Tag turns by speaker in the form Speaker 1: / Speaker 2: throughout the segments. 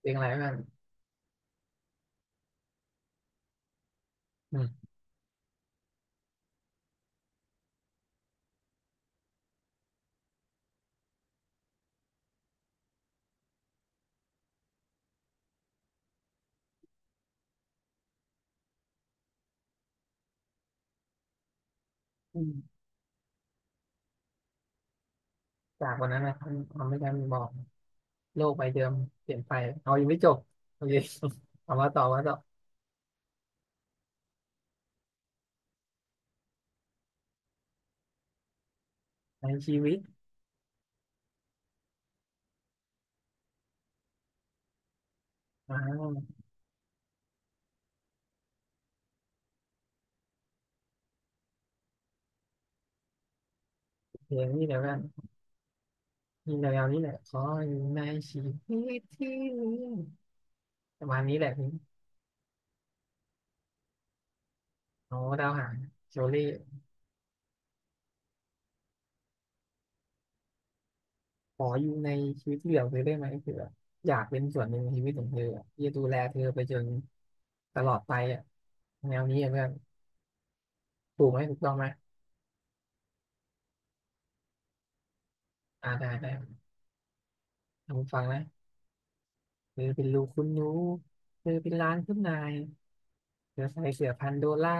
Speaker 1: เลี้ยงอะไรบ้างอืมอืมจากวันนั้นนะทำให้กาบอกโลกใบเดิมเปลี่ยนไปเอายังไม่จบโอเคเอามาต่อมาต่อในชีวิตอ่าเพลงนี้เดี๋ยวกันนี่เดี๋ยวนี้แหละขออยู่ในชีวิตที่นี้ประมาณนี้แหละพี่โอ้ดาวหางโชลี่ขออยู่ในชีวิตที่เหลือเธอได้ไหมคืออยากเป็นส่วนหนึ่งในชีวิตของเธออะที่จะดูแลเธอไปจนตลอดไปอ่ะแนวนี้อะเพื่อนถูกไหมถูกต้องไหมได้ได้ลองฟังนะ เธอเป็นลูกคุณหนูเธอเป็นล้านคุณนายเธอใส่เสื้อพันโดล่า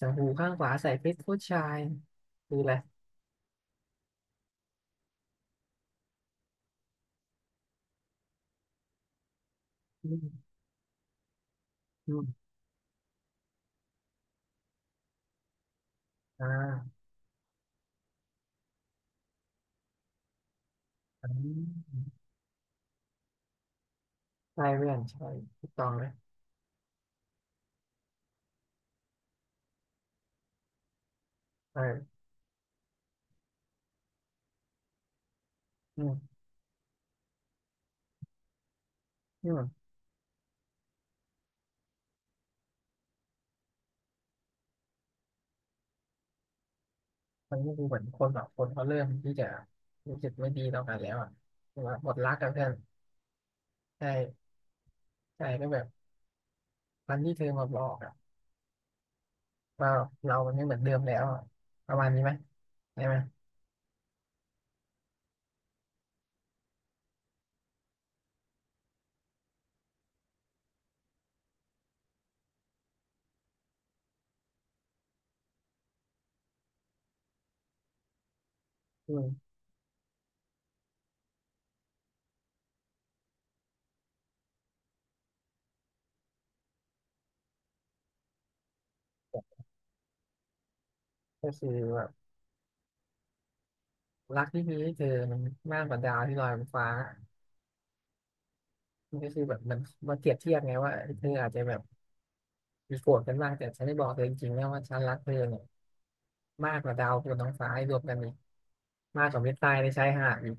Speaker 1: ส์งหูข้างขวาใส่เพชรผู้ชายคืออะไรอืมอืมอ่าอันนี้ใช่เพื่อนใช่ถูกต้องเลยเอออืมอืมมันก็คือเหมือนคนแอบคนเขาเริ่มที่จะรู้สึกไม่ดีต่อกันแล้วอ่ะคือว่าหมดรักกันเพื่อนใช่ใช่ก็แบบวันที่เธอมาบอกอ่ะว่าเรามันไม่เหมือนเดิมแล้วอะประมาณนี้ไหมได้ไหมอืมก็คือว่า รักที่มีให้เธอมันมากกว่าดาวที่ลอยบนฟ้ามันก็คือแบบมันมาเปรียบเทียบไงว่าเธออาจจะแบบมีโกรธกันมากแต่ฉันได้บอกเธอจริงๆนะว่าฉันรักเธอเนี่ยมากกว่าดาวบนท้องฟ้าให้รวมกันอีกมากกว่าเม็ดทรายในชายหาดอีก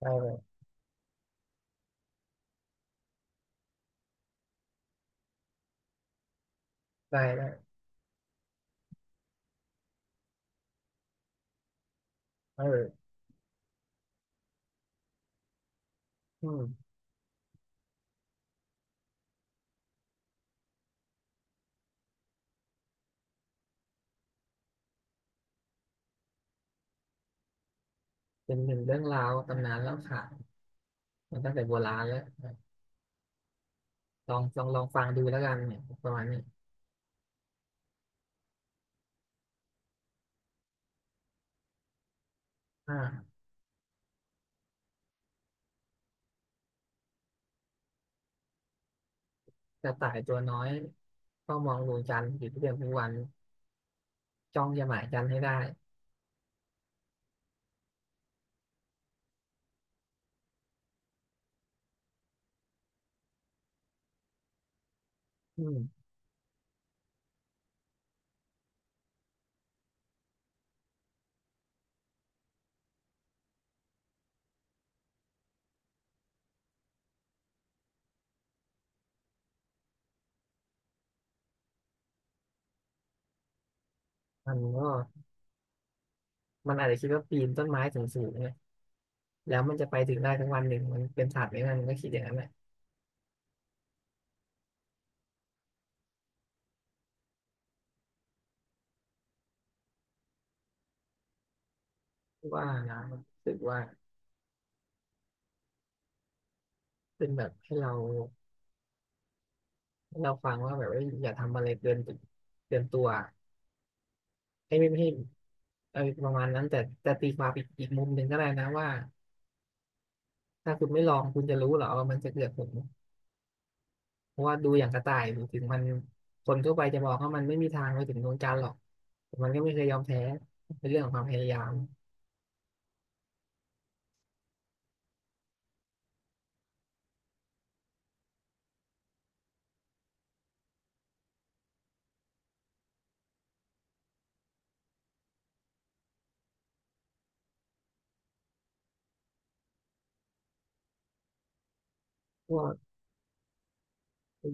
Speaker 1: ได้เลยได้ได้เอออืมเป็นหนึ่งเรื่องราวตำนานเล่าขานมาตั้งแต่โบราณแล้วลองลองลองฟังดูแล้วกันเนี่ยประมาณนี้อ่ากระต่ายตัวน้อยก็มองดวงจันทร์อยู่ทุกเดือนทุกวันจ้องจะหมายจันทร์ให้ได้อืมมันก็ มันอาจจะคิดว่าปีนต้นไม้สูงสูงเนี่ยแล้วมันจะไปถึงได้ทั้งวันหนึ่งมันเป็นศาสตร์ไหมมันก็คิดอย่างนั้นแหละว่านะรู้สึกว่าเป็นแบบให้เราฟังว่าแบบว่าอย่าทำอะไรเกินเกินตัวให้ไม่ให้เออประมาณนั้นแต่แต่ตีความอีกมุมหนึ่งก็ได้นะว่าถ้าคุณไม่ลองคุณจะรู้เหรอว่ามันจะเกิดผลเพราะว่าดูอย่างกระต่ายถึงมันคนทั่วไปจะบอกว่ามันไม่มีทางไปถึงดวงจันทร์หรอกแต่มันก็ไม่เคยยอมแพ้เป็นเรื่องของความพยายาม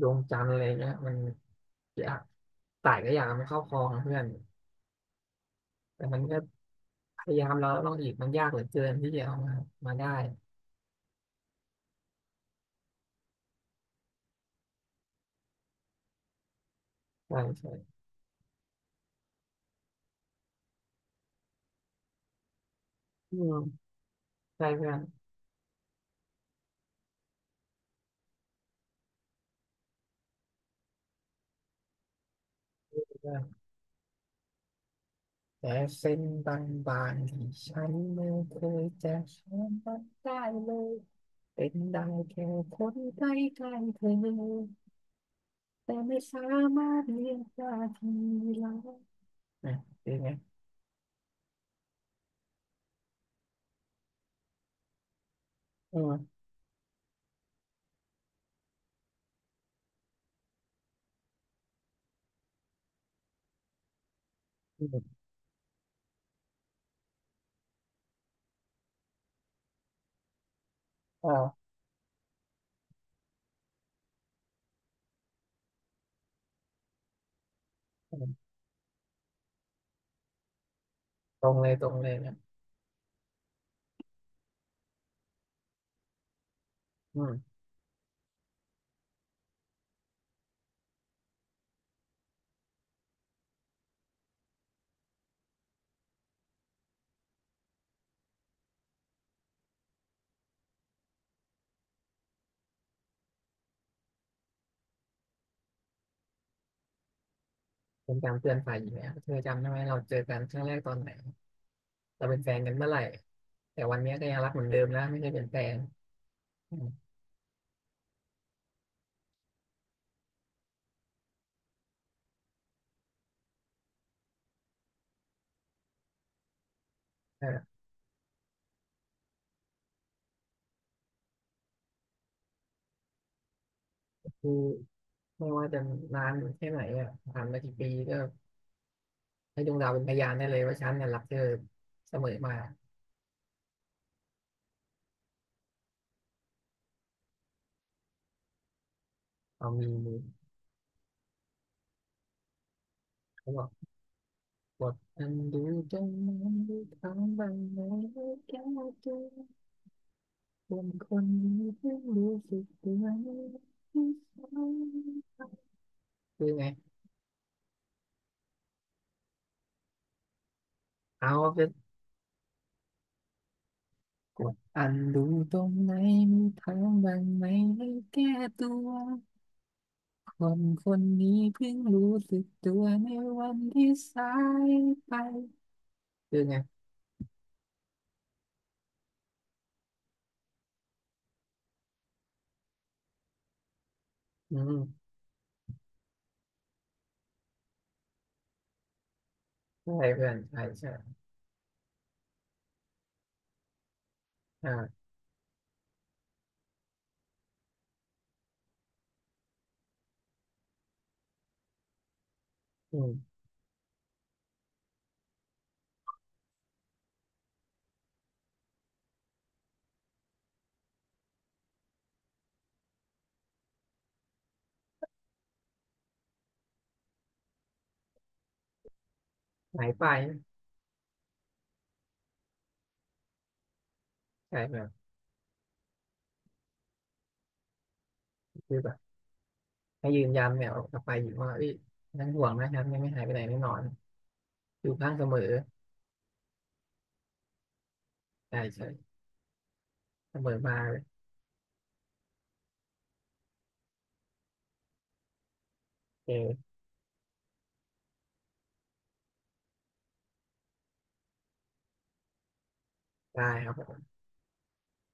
Speaker 1: ดวงจันทร์อะไรเงี้ยมันยากสายก็อยากไมนเข้าคลองนะเพื่อนแต่มันก็พยายามแล้วลองอีกมันยากเหลือเกินที่จะเอามามาได้ใช่ใช่อืมใช่เพื่อนเพื่อนแต่เส้นบางๆที่ฉันไม่เคยจะช้ำมันได้เลยเป็นได้แค่คนใกล้ๆเธอแต่ไม่สามารถเรียกว่าที่รักนะเป็นไงอืมอ่าตรงเลยตรงเลยนะอืม เป็นการเตือนฝ่ายหญิงนะเธอจำได้ไหมเราเจอกันครั้งแรกตอนไหนเราเป็นแฟนกันเมื่อไหร่แต่วันเนี้ยก็ยังรักเหมือนเดิมนะไม่ได้เป็นแฟนอืมเออคือไม่ว่าจะนานแค่ไหนอ่ะผ่านมากี่ปีก็ให้ดวงดาวเป็นพยานได้เลยว่าฉันเนี่ยรักเธอเสมอมาเอามีเขาบอกบทนันดูจงมันดูทางบางไหนแก้วเจอคนคนนี้เพิ่งรู้สึกตัวนีคือไงเอาไป กดอันดูตรงไหนมีทางบ้างไหมให้แก้ตัวคนคนนี้เพิ่งรู้สึกตัวในวันที่สายไปคือไงอืมใช่เพื่อนใช่ใช่อ่าอืมหายไปใช่แบบคือแบบให้ยืนยันเนี่ยอกลับไปอยู่ว่าเอ้ยยังห่วงนะครับยังไม่หายไปไหนแน่นอนอยู่ข้างเสมอใช่ใช่เสมอมาเลยโอเคได้ครับ